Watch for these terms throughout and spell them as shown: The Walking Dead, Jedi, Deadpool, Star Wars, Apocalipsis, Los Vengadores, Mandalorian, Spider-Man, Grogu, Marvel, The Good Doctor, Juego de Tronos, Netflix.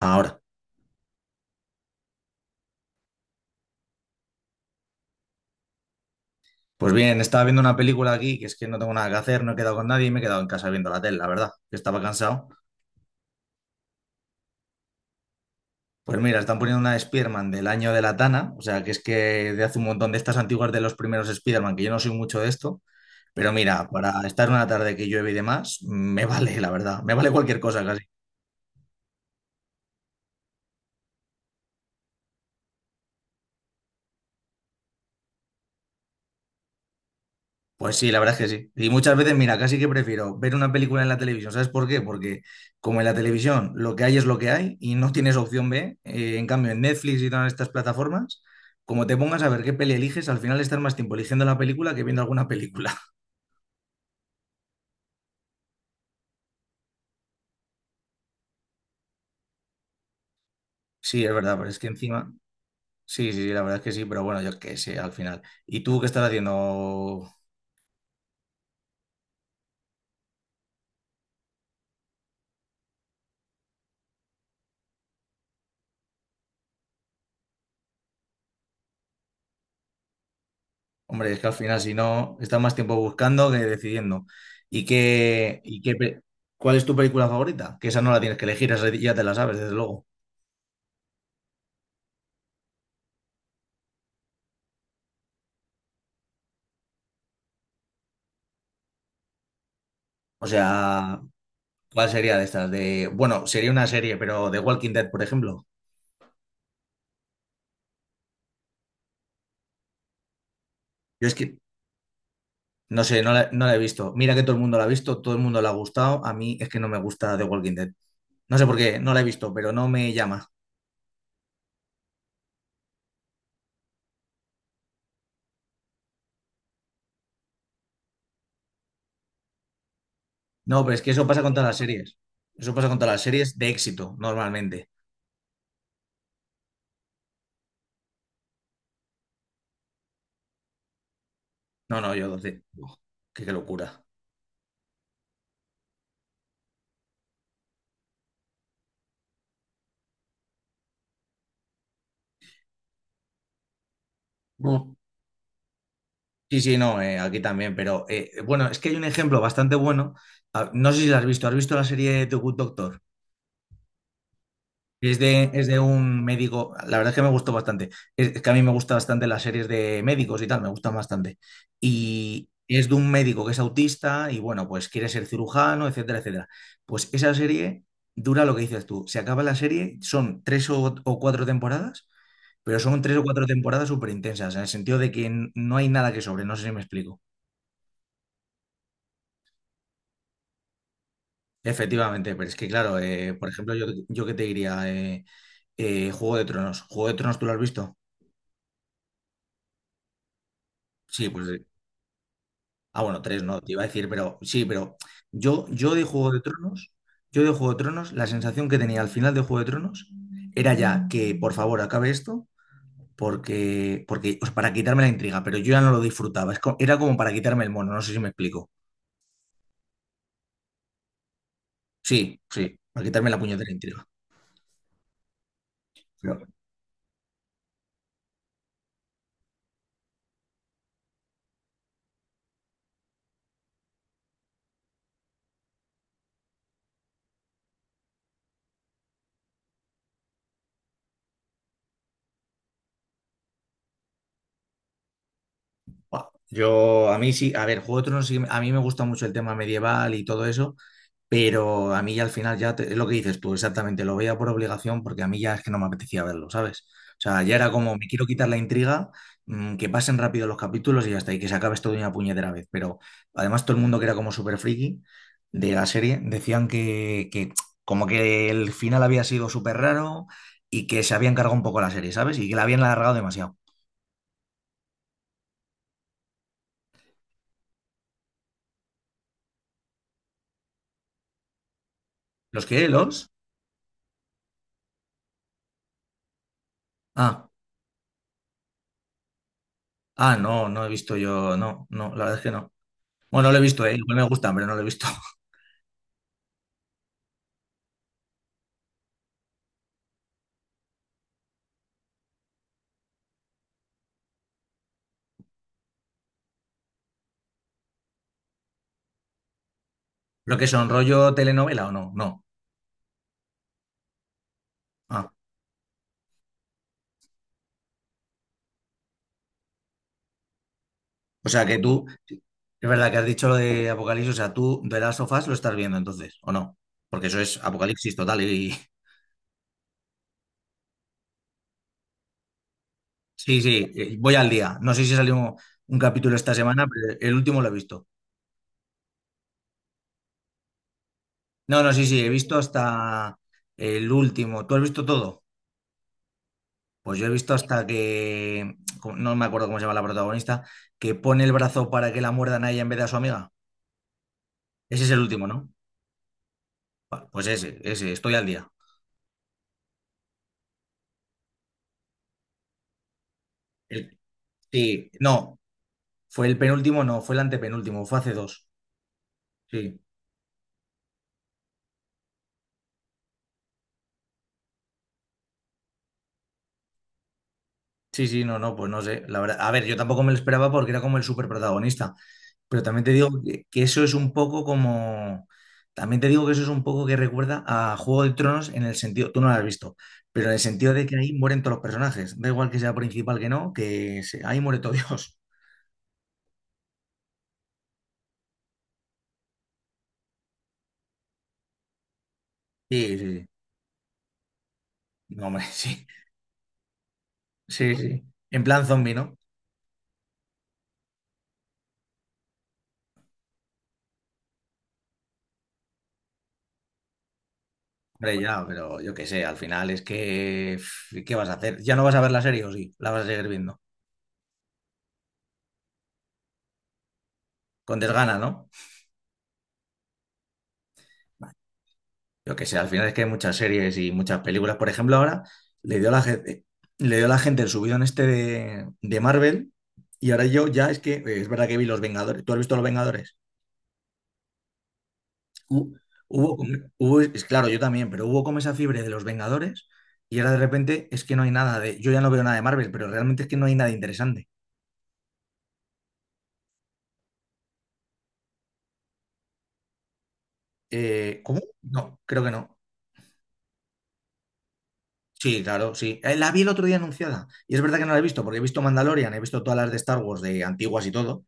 Ahora, pues bien, estaba viendo una película aquí, que es que no tengo nada que hacer, no he quedado con nadie y me he quedado en casa viendo la tele, la verdad, que estaba cansado. Pues mira, están poniendo una de Spider-Man del año de la Tana, o sea, que es que de hace un montón de estas antiguas de los primeros Spider-Man, que yo no soy mucho de esto, pero mira, para estar una tarde que llueve y demás, me vale, la verdad, me vale cualquier cosa casi. Pues sí, la verdad es que sí. Y muchas veces, mira, casi que prefiero ver una película en la televisión. ¿Sabes por qué? Porque como en la televisión lo que hay es lo que hay y no tienes opción B, en cambio en Netflix y todas estas plataformas, como te pongas a ver qué peli eliges, al final estás más tiempo eligiendo la película que viendo alguna película. Sí, es verdad, pero es que encima... Sí, sí, sí, la verdad es que sí, pero bueno, yo qué sé, al final. ¿Y tú qué estás haciendo? Hombre, es que al final, si no, estás más tiempo buscando que decidiendo. ¿Y qué, y qué, pe- ¿Cuál es tu película favorita? Que esa no la tienes que elegir, esa ya te la sabes, desde luego. O sea, ¿cuál sería de estas? De, bueno, sería una serie, pero de Walking Dead, por ejemplo. Yo es que, no sé, no la he visto. Mira que todo el mundo la ha visto, todo el mundo la ha gustado. A mí es que no me gusta The Walking Dead. No sé por qué, no la he visto, pero no me llama. No, pero es que eso pasa con todas las series. Eso pasa con todas las series de éxito, normalmente. No, no, yo, doce. Uf, qué locura. Sí, sí, no, aquí también, pero bueno, es que hay un ejemplo bastante bueno. Ah, no sé si lo ¿has visto la serie The Good Doctor? Es de un médico, la verdad es que me gustó bastante. Es que a mí me gustan bastante las series de médicos y tal, me gustan bastante. Y es de un médico que es autista y bueno, pues quiere ser cirujano, etcétera, etcétera. Pues esa serie dura lo que dices tú. Se acaba la serie, son o cuatro temporadas, pero son tres o cuatro temporadas súper intensas, en el sentido de que no hay nada que sobre, no sé si me explico. Efectivamente, pero es que claro, por ejemplo, yo qué te diría, Juego de Tronos. ¿Juego de Tronos tú lo has visto? Sí, pues... ah, bueno, tres no, te iba a decir, pero sí, pero yo de Juego de Tronos, yo de Juego de Tronos, la sensación que tenía al final de Juego de Tronos era ya que, por favor, acabe esto, porque, o sea, para quitarme la intriga, pero yo ya no lo disfrutaba. Es era como para quitarme el mono, no sé si me explico. Sí, sí, para quitarme la puñetera intriga. Pero, buah, yo, a mí sí, a ver, Juego de Tronos, a mí me gusta mucho el tema medieval y todo eso, pero a mí ya al final es lo que dices tú, exactamente, lo veía por obligación porque a mí ya es que no me apetecía verlo, ¿sabes? O sea, ya era como, me quiero quitar la intriga, que pasen rápido los capítulos y ya está, y que se acabe esto de una puñetera vez. Pero además todo el mundo que era como súper friki de la serie decían que como que el final había sido súper raro y que se había encargado un poco la serie, ¿sabes? Y que la habían alargado demasiado. ¿Los qué? ¿Los? Ah. Ah, no, no he visto yo, no, no, la verdad es que no. Bueno, no lo he visto, igual me gustan, pero no lo he visto. ¿Lo que son rollo telenovela o no? No. Ah, o sea que tú, es verdad que has dicho lo de Apocalipsis, o sea, tú de las sofás lo estás viendo entonces, ¿o no? Porque eso es Apocalipsis total y... Sí, sí, voy al día. No sé si salió un capítulo esta semana, pero el último lo he visto. No, no, sí, sí, he visto hasta el último. ¿Tú has visto todo? Pues yo he visto hasta que, no me acuerdo cómo se llama la protagonista, que pone el brazo para que la muerdan a ella en vez de a su amiga. Ese es el último, ¿no? Pues ese, estoy al día. El- sí, no, fue el penúltimo, no, fue el antepenúltimo, fue hace dos. Sí. Sí, sí, no, no, pues no sé. La verdad, a ver, yo tampoco me lo esperaba porque era como el superprotagonista. Pero también te digo que eso es un poco como. También te digo que eso es un poco que recuerda a Juego de Tronos en el sentido, tú no lo has visto, pero en el sentido de que ahí mueren todos los personajes. Da igual que sea principal que no, ahí muere todo Dios. Sí, sí, sí. No, hombre, sí. Sí, sí. En plan zombie, ¿no? Hombre, ya, pero yo qué sé, al final es que. Pff, ¿qué vas a hacer? ¿Ya no vas a ver la serie o sí? La vas a seguir viendo. Con desgana, ¿no? Yo que sé, al final es que hay muchas series y muchas películas. Por ejemplo, ahora le dio a la gente, le dio a la gente el subidón este de Marvel y ahora yo ya es que, es verdad que vi Los Vengadores. ¿Tú has visto Los Vengadores? Hu- es claro, yo también, pero hubo como esa fiebre de Los Vengadores y ahora de repente es que no hay nada de, yo ya no veo nada de Marvel, pero realmente es que no hay nada interesante. ¿Cómo? No, creo que no. Sí, claro, sí. La vi el otro día anunciada y es verdad que no la he visto porque he visto Mandalorian, he visto todas las de Star Wars de antiguas y todo.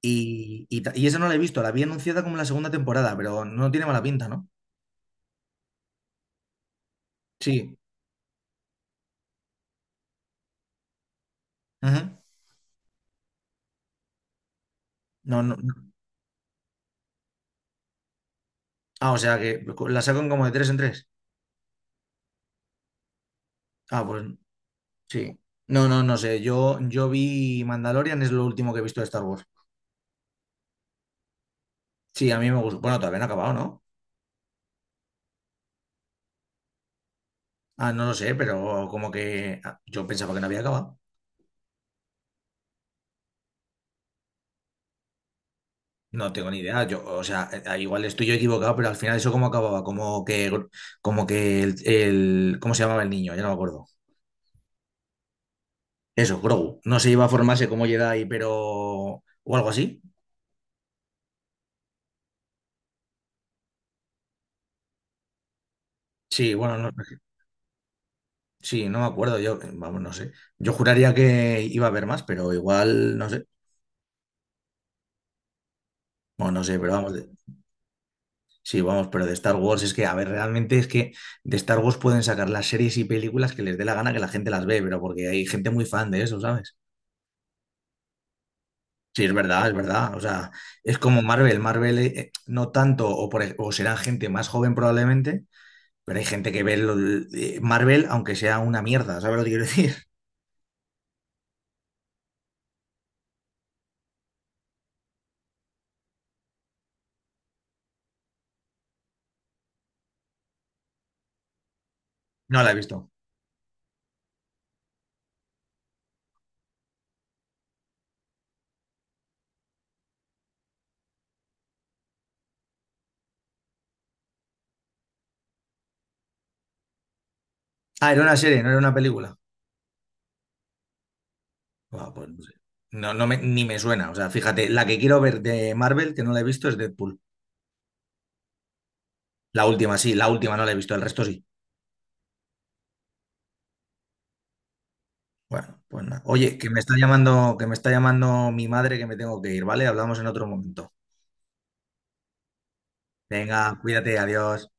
Y esa no la he visto, la vi anunciada como en la segunda temporada, pero no tiene mala pinta, ¿no? Sí, ujú. No, no, no. Ah, o sea que la sacan como de tres en tres. Ah, pues sí. No, no, no sé. Yo vi Mandalorian, es lo último que he visto de Star Wars. Sí, a mí me gustó. Bueno, todavía no ha acabado, ¿no? Ah, no lo sé, pero como que ah, yo pensaba que no había acabado. No tengo ni idea. Yo, o sea, igual estoy yo equivocado, pero al final eso cómo acababa, como que ¿cómo se llamaba el niño? Ya no me acuerdo. Eso, Grogu. No se iba a formarse como Jedi, pero... o algo así. Sí, bueno, no, sí, no me acuerdo. Yo, vamos, no sé. Yo juraría que iba a haber más, pero igual, no sé. Bueno, no sé, pero vamos. Sí, vamos, pero de Star Wars es que, a ver, realmente es que de Star Wars pueden sacar las series y películas que les dé la gana que la gente las ve, pero porque hay gente muy fan de eso, ¿sabes? Sí, es verdad, es verdad. O sea, es como Marvel. Marvel no tanto, o será gente más joven probablemente. Pero hay gente que ve Marvel, aunque sea una mierda, ¿sabes lo que quiero decir? No la he visto. Ah, era una serie, no era una película. Ah, pues no sé. Ni me suena. O sea, fíjate, la que quiero ver de Marvel, que no la he visto, es Deadpool. La última, sí, la última no la he visto, el resto sí. Bueno, pues nada. Oye, que me está llamando mi madre que me tengo que ir, ¿vale? Hablamos en otro momento. Venga, cuídate, adiós.